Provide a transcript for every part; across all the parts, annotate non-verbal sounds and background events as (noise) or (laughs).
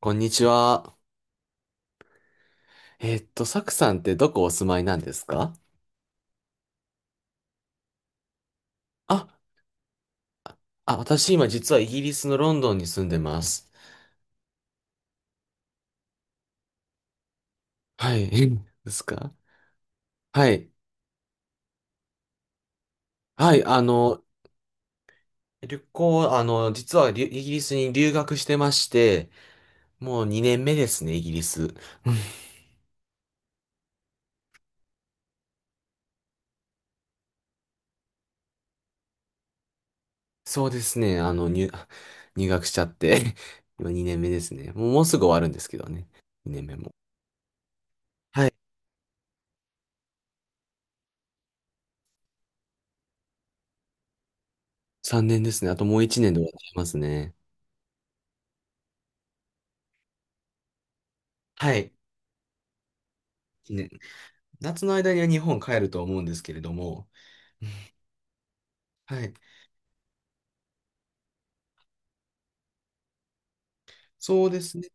こんにちは。サクさんってどこお住まいなんですか？あ、あ、私今実はイギリスのロンドンに住んでます。はい。(laughs) ですか？はい。はい。旅行、実はイギリスに留学してまして、もう2年目ですね、イギリス。うん。そうですね。入学しちゃって、(laughs) 今2年目ですね。もうすぐ終わるんですけどね。2年目も。はい。3年ですね。あともう1年で終わっちゃいますね。はい。夏の間には日本帰ると思うんですけれども、はい。そうですね。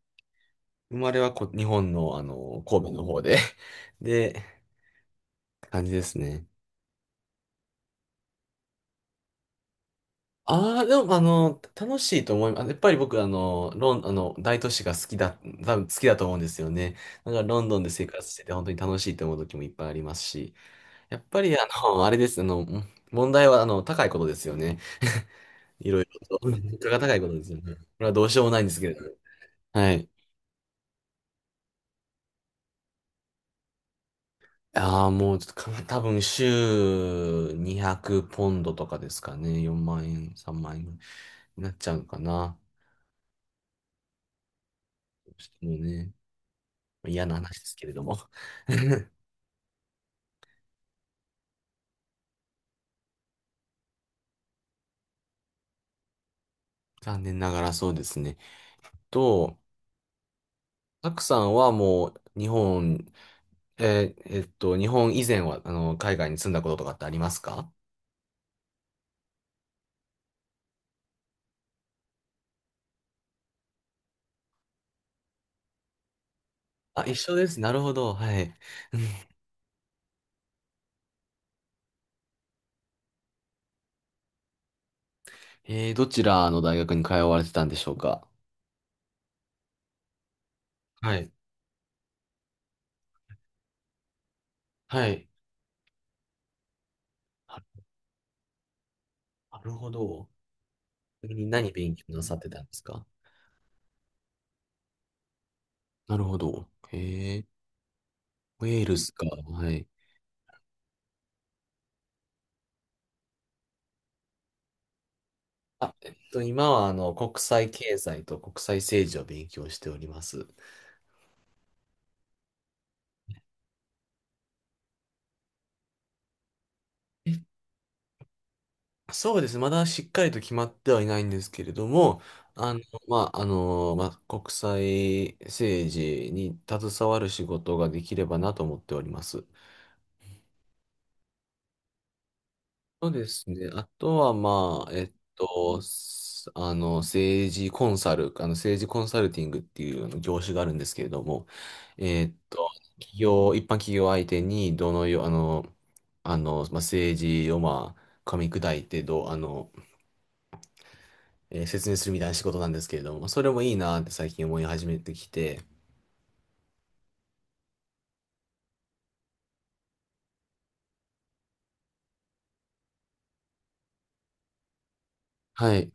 生まれはこ、日本の、神戸の方で (laughs) で、感じですね。ああ、でも、楽しいと思います。やっぱり僕、あの、ロン、あの、大都市が好きだ、多分好きだと思うんですよね。だから、ロンドンで生活してて、本当に楽しいと思う時もいっぱいありますし、やっぱり、あれです、問題は、高いことですよね。いろいろと。物価が高いことですよね。これはどうしようもないんですけれど。はい。ああ、もうちょっとか、多分週200ポンドとかですかね。4万円、3万円になっちゃうのかな。もうしてもね、嫌な話ですけれども。(laughs) 残念ながらそうですね。と、たくさんはもう日本、日本以前は海外に住んだこととかってありますか？あ、一緒です。なるほど。はい。(laughs) うん。どちらの大学に通われてたんでしょうか？はい。はい。あ、なるほど。ちなみに何勉強なさってたんですか？なるほど。へえ、ウェールズか。はい。あ、今は国際経済と国際政治を勉強しております。そうです。まだしっかりと決まってはいないんですけれども、あの、まあ、まあ、国際政治に携わる仕事ができればなと思っております。そうですね。あとは、まあ、えっと、すあの、政治コンサル、あの、政治コンサルティングっていう業種があるんですけれども、えっと、一般企業相手に、どのよう、あの、あの、まあ、政治を、まあ、噛み砕いて、どう、説明するみたいな仕事なんですけれども、それもいいなって最近思い始めてきて、はい。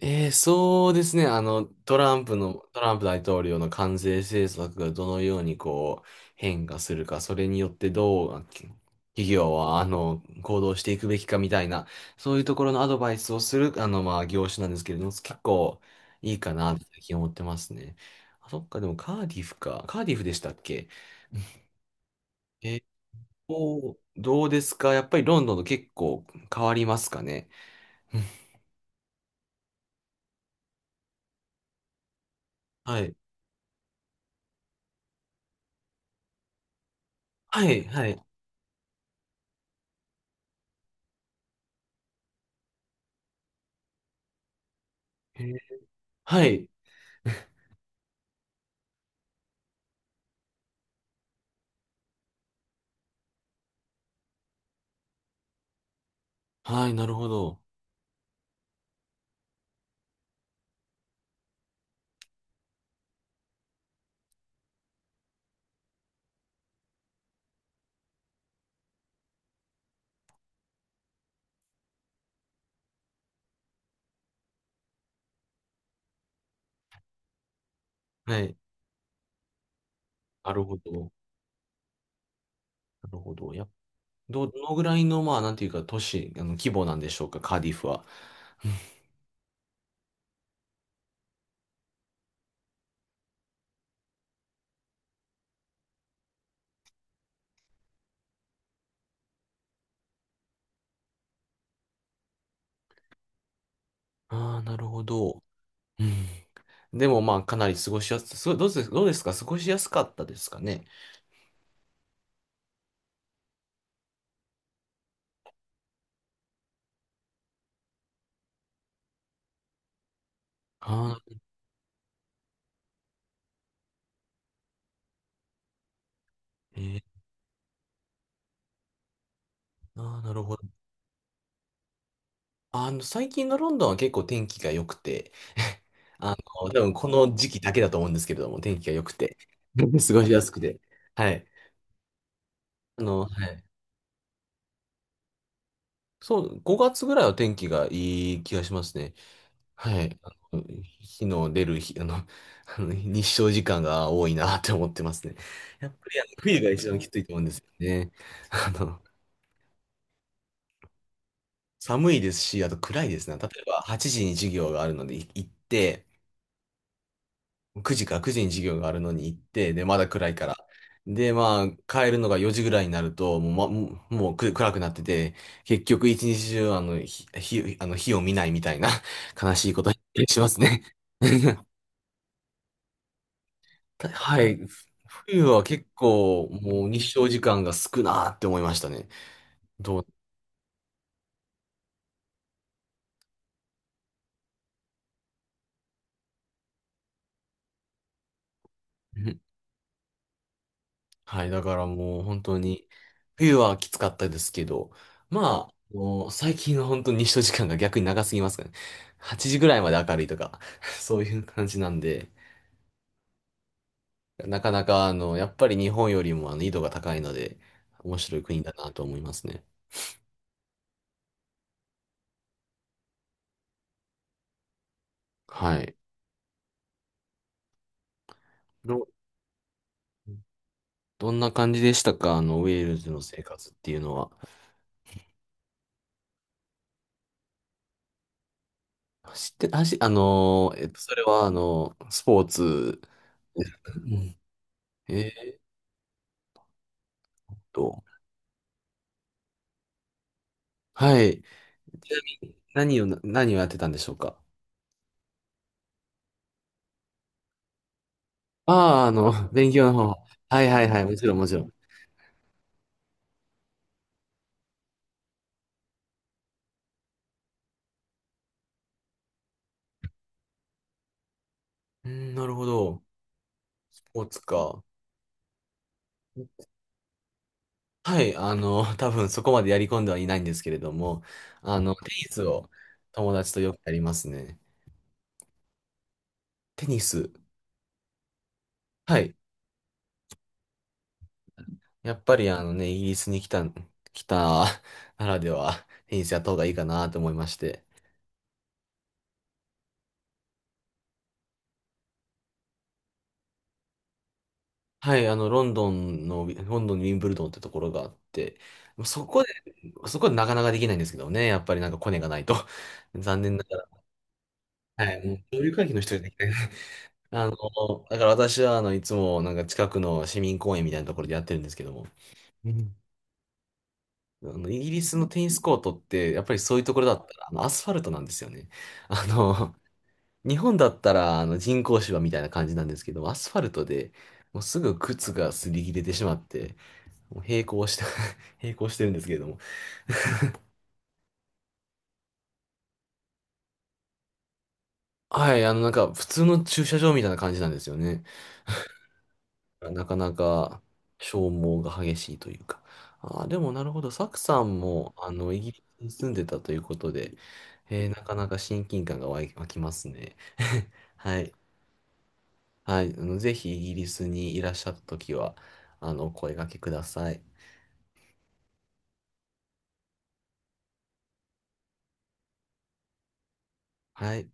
そうですね。トランプ大統領の関税政策がどのようにこう変化するか、それによってどう企業は行動していくべきかみたいな、そういうところのアドバイスをするまあ、業種なんですけれども、結構いいかなって最近思ってますね。あ、そっか、でもカーディフか。カーディフでしたっけ？ (laughs) えー、どうですか、やっぱりロンドンと結構変わりますかね？(laughs) はい。はい、はい。えーはい。はい、なるほど。はい。なるほど。なるほど。やっ、ど、どのぐらいの、まあ、なんていうか、都市、規模なんでしょうか、カーディフは。(laughs) ああ、なるほど。うん。でも、まあ、かなり過ごしやす、すごい、どうです、どうですか過ごしやすかったですかね？ああ、えー、ああ、なるほど。最近のロンドンは結構天気が良くて、(laughs) あ多分この時期だけだと思うんですけれども、天気が良くて、(laughs) 過ごしやすくて。はい。はい。そう、5月ぐらいは天気がいい気がしますね。はい。の日の出る日、(laughs) 日照時間が多いなって思ってますね。やっぱり(laughs) 冬が一番きついと思うんですよね。(laughs) あの、寒いですし、あと暗いですね。例えば8時に授業があるので行って、9時に授業があるのに行って、で、まだ暗いから。で、まあ、帰るのが4時ぐらいになると、もう、ま、もうもうく暗くなってて、結局一日中、あの、ひ、ひあの、火を見ないみたいな (laughs) 悲しいことになったりしますね。(laughs) はい。冬は結構もう日照時間が少なって思いましたね。どう、(laughs) はい。だからもう本当に、冬はきつかったですけど、まあ、もう最近は本当に日照時間が逆に長すぎますからね。8時ぐらいまで明るいとか、(laughs) そういう感じなんで、なかなかやっぱり日本よりも緯度が高いので、面白い国だなと思いますね。はい。ど、どんな感じでしたか？ウェールズの生活っていうのは。走って、それは、スポーツですか？うん。(laughs) えーっと、はい。ちなみに、何をやってたんでしょうか？ああー、(laughs) 勉強の方。はいはいはい、もちろんもちろん。うん、なるほど。スポーツか。はい、多分そこまでやり込んではいないんですけれども、テニスを友達とよくやりますね。テニス。はい。やっぱりあのね、イギリスに来たならでは、テニスやった方がいいかなと思いまして。はい、あの、ロンドンの、(laughs) ロンドンのウィンブルドンってところがあって、そこで、そこでなかなかできないんですけどね、やっぱりなんかコネがないと。(laughs) 残念ながら。はい、もう上流階級の人じゃできない。(laughs) あの、だから私は、いつもなんか近くの市民公園みたいなところでやってるんですけども、うん。イギリスのテニスコートって、やっぱりそういうところだったら、アスファルトなんですよね。(laughs) あの、日本だったら、人工芝みたいな感じなんですけど、アスファルトで、もうすぐ靴が擦り切れてしまって、もう並行して (laughs) 並行してるんですけれども。はい、なんか、普通の駐車場みたいな感じなんですよね。なかなか消耗が激しいというか。あー、でもなるほど。サクさんも、イギリスに住んでたということで、なかなか親近感が湧きますね。(laughs) はい。はい。ぜひイギリスにいらっしゃったときは、お声掛けください。はい。